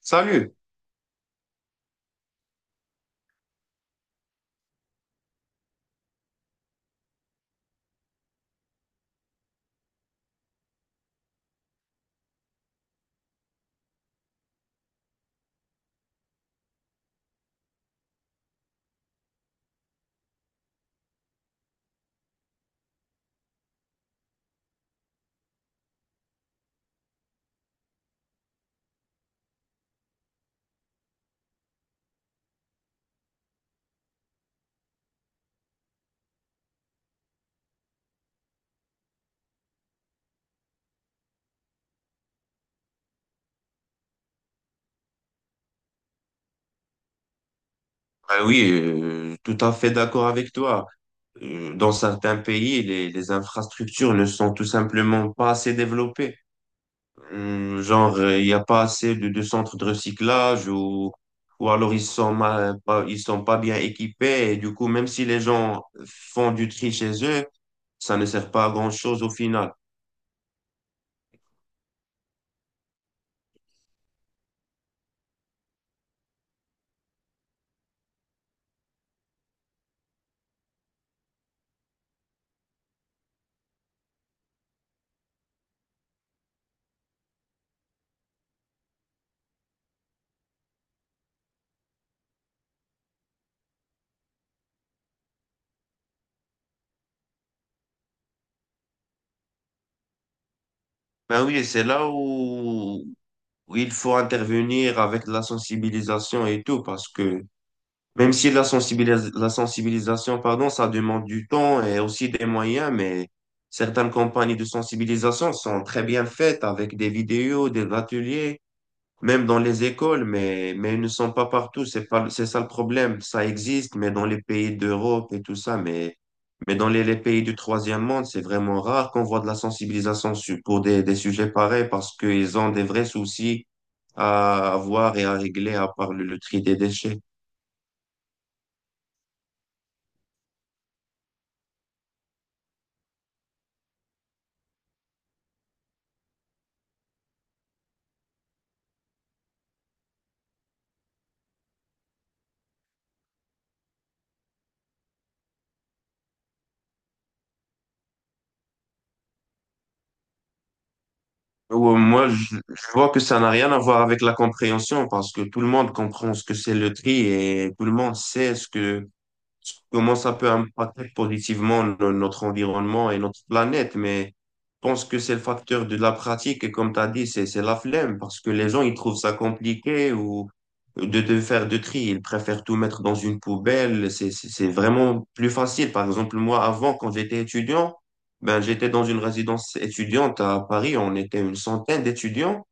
Salut. Ah oui, tout à fait d'accord avec toi. Dans certains pays, les infrastructures ne sont tout simplement pas assez développées. Genre, il n'y a pas assez de centres de recyclage ou alors ils sont mal- pas, ils sont pas bien équipés. Et du coup, même si les gens font du tri chez eux, ça ne sert pas à grand-chose au final. Ben oui, où il faut intervenir avec la sensibilisation et tout, parce que même si la la sensibilisation, pardon, ça demande du temps et aussi des moyens, mais certaines campagnes de sensibilisation sont très bien faites avec des vidéos, des ateliers, même dans les écoles, mais ils ne sont pas partout. C'est pas, c'est ça le problème. Ça existe, mais dans les pays d'Europe et tout ça, mais dans les pays du troisième monde, c'est vraiment rare qu'on voit de la sensibilisation pour des sujets pareils parce qu'ils ont des vrais soucis à avoir et à régler à part le tri des déchets. Ouais, moi, je vois que ça n'a rien à voir avec la compréhension parce que tout le monde comprend ce que c'est le tri et tout le monde sait ce que comment ça peut impacter positivement notre environnement et notre planète, mais je pense que c'est le facteur de la pratique et comme tu as dit, c'est la flemme parce que les gens, ils trouvent ça compliqué ou de faire de tri, ils préfèrent tout mettre dans une poubelle, c'est vraiment plus facile. Par exemple, moi, avant, quand j'étais étudiant, ben, j'étais dans une résidence étudiante à Paris, on était une centaine d'étudiants.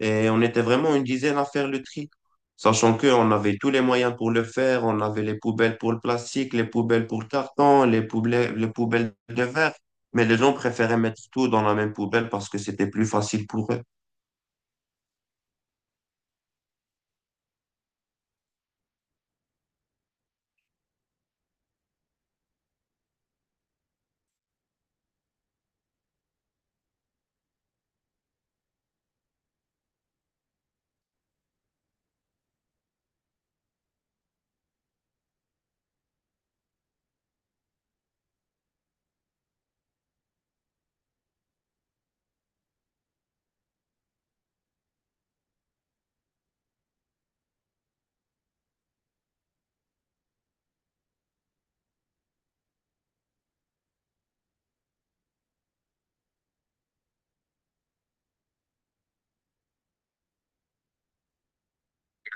Et on était vraiment une dizaine à faire le tri, sachant qu'on avait tous les moyens pour le faire. On avait les poubelles pour le plastique, les poubelles pour le carton, les poubelles de verre. Mais les gens préféraient mettre tout dans la même poubelle parce que c'était plus facile pour eux.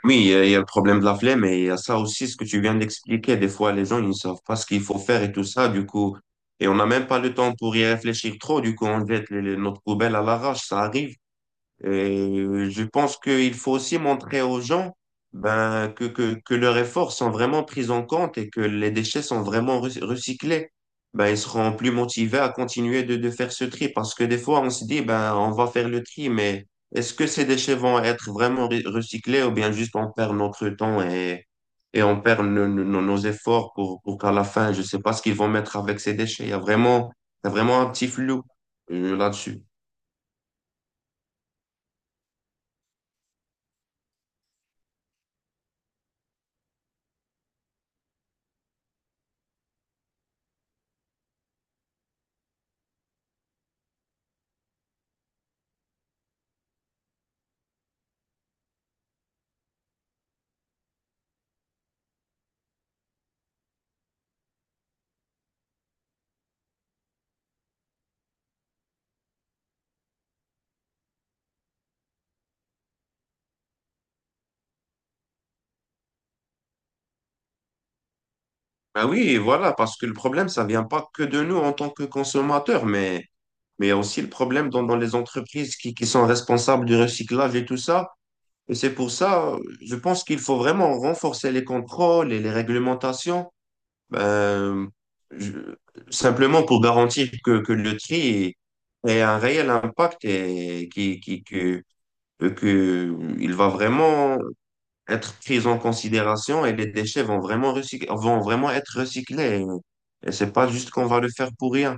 Oui, il y a le problème de la flemme, mais il y a ça aussi, ce que tu viens d'expliquer. Des fois, les gens, ils ne savent pas ce qu'il faut faire et tout ça, du coup. Et on n'a même pas le temps pour y réfléchir trop, du coup, on jette notre poubelle à l'arrache, ça arrive. Et je pense qu'il faut aussi montrer aux gens ben, que leurs efforts sont vraiment pris en compte et que les déchets sont vraiment recyclés. Ben, ils seront plus motivés à continuer de faire ce tri parce que des fois, on se dit, ben, on va faire le tri, mais est-ce que ces déchets vont être vraiment recyclés ou bien juste on perd notre temps et on perd nos efforts pour qu'à la fin, je sais pas ce qu'ils vont mettre avec ces déchets. Il y a vraiment un petit flou là-dessus. Ben oui, et voilà, parce que le problème, ça vient pas que de nous en tant que consommateurs, mais il y a aussi le problème dans, dans les entreprises qui sont responsables du recyclage et tout ça. Et c'est pour ça, je pense qu'il faut vraiment renforcer les contrôles et les réglementations, ben, je- simplement pour garantir que le tri ait un réel impact et que il va vraiment être prise en considération et les déchets vont vraiment vont vraiment être recyclés. Et c'est pas juste qu'on va le faire pour rien.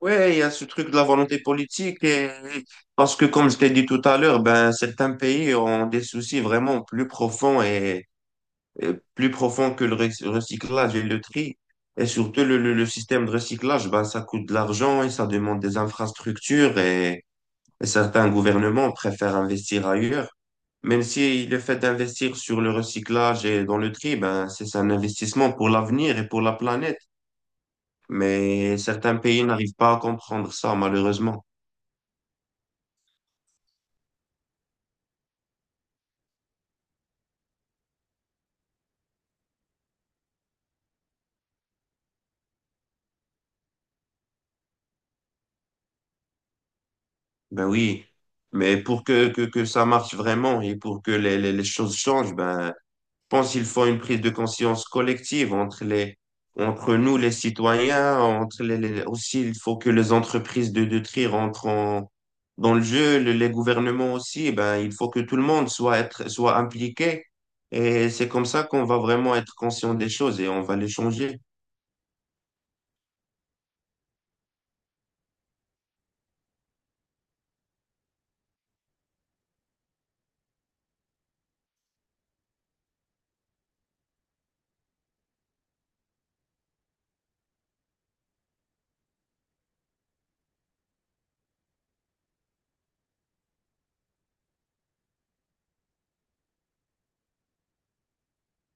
Ouais, il y a ce truc de la volonté politique et parce que comme je t'ai dit tout à l'heure, ben certains pays ont des soucis vraiment plus profonds et plus profonds que le recyclage et le tri. Et surtout le système de recyclage, ben ça coûte de l'argent et ça demande des infrastructures et certains gouvernements préfèrent investir ailleurs. Même si le fait d'investir sur le recyclage et dans le tri, ben, c'est un investissement pour l'avenir et pour la planète. Mais certains pays n'arrivent pas à comprendre ça, malheureusement. Ben oui. Mais pour que ça marche vraiment et pour que les choses changent, ben, pense qu'il faut une prise de conscience collective entre les, entre nous, les citoyens, entre les, aussi, il faut que les entreprises de tri rentrent dans le jeu, les gouvernements aussi, eh ben, il faut que tout le monde soit impliqué. Et c'est comme ça qu'on va vraiment être conscient des choses et on va les changer.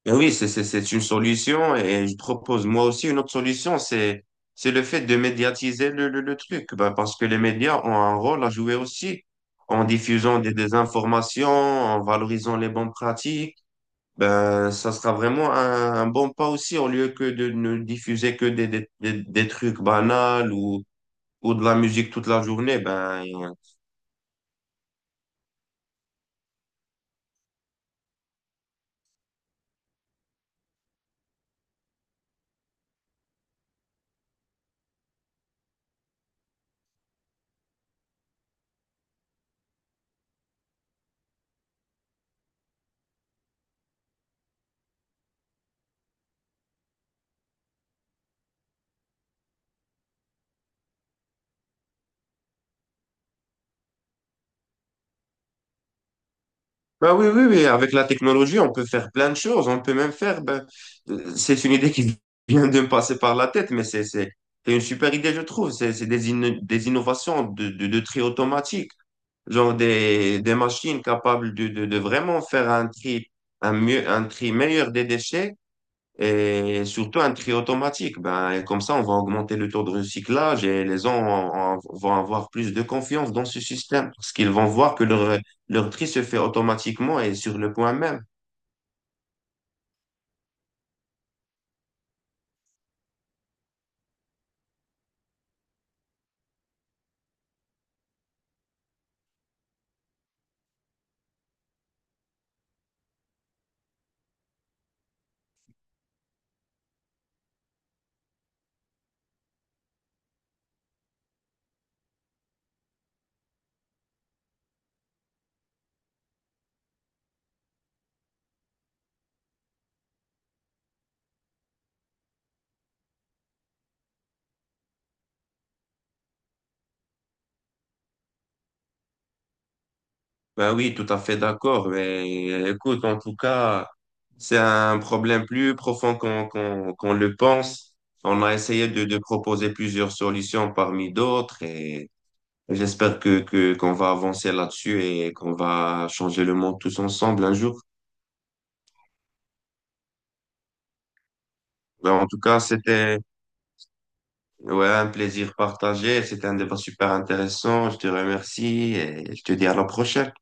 Ben oui, c'est une solution et je propose moi aussi une autre solution, c'est le fait de médiatiser le truc, ben, parce que les médias ont un rôle à jouer aussi en diffusant des informations, en valorisant les bonnes pratiques. Ben, ça sera vraiment un bon pas aussi au lieu que de ne diffuser que des trucs banals ou de la musique toute la journée. Ben, bah oui, oui, oui, avec la technologie, on peut faire plein de choses. On peut même faire, ben, c'est une idée qui vient de me passer par la tête, mais c'est une super idée, je trouve. C'est des, des innovations de tri automatique, genre des machines capables de vraiment faire un tri, un mieux, un tri meilleur des déchets et surtout un tri automatique. Ben, et comme ça, on va augmenter le taux de recyclage et les gens vont avoir plus de confiance dans ce système parce qu'ils vont voir que leur tri se fait automatiquement et sur le point même. Ben oui, tout à fait d'accord. Mais écoute, en tout cas, c'est un problème plus profond qu'on le pense. On a essayé de proposer plusieurs solutions parmi d'autres et j'espère qu'on va avancer là-dessus et qu'on va changer le monde tous ensemble un jour. Ben, en tout cas, c'était ouais, un plaisir partagé. C'était un débat super intéressant. Je te remercie et je te dis à la prochaine.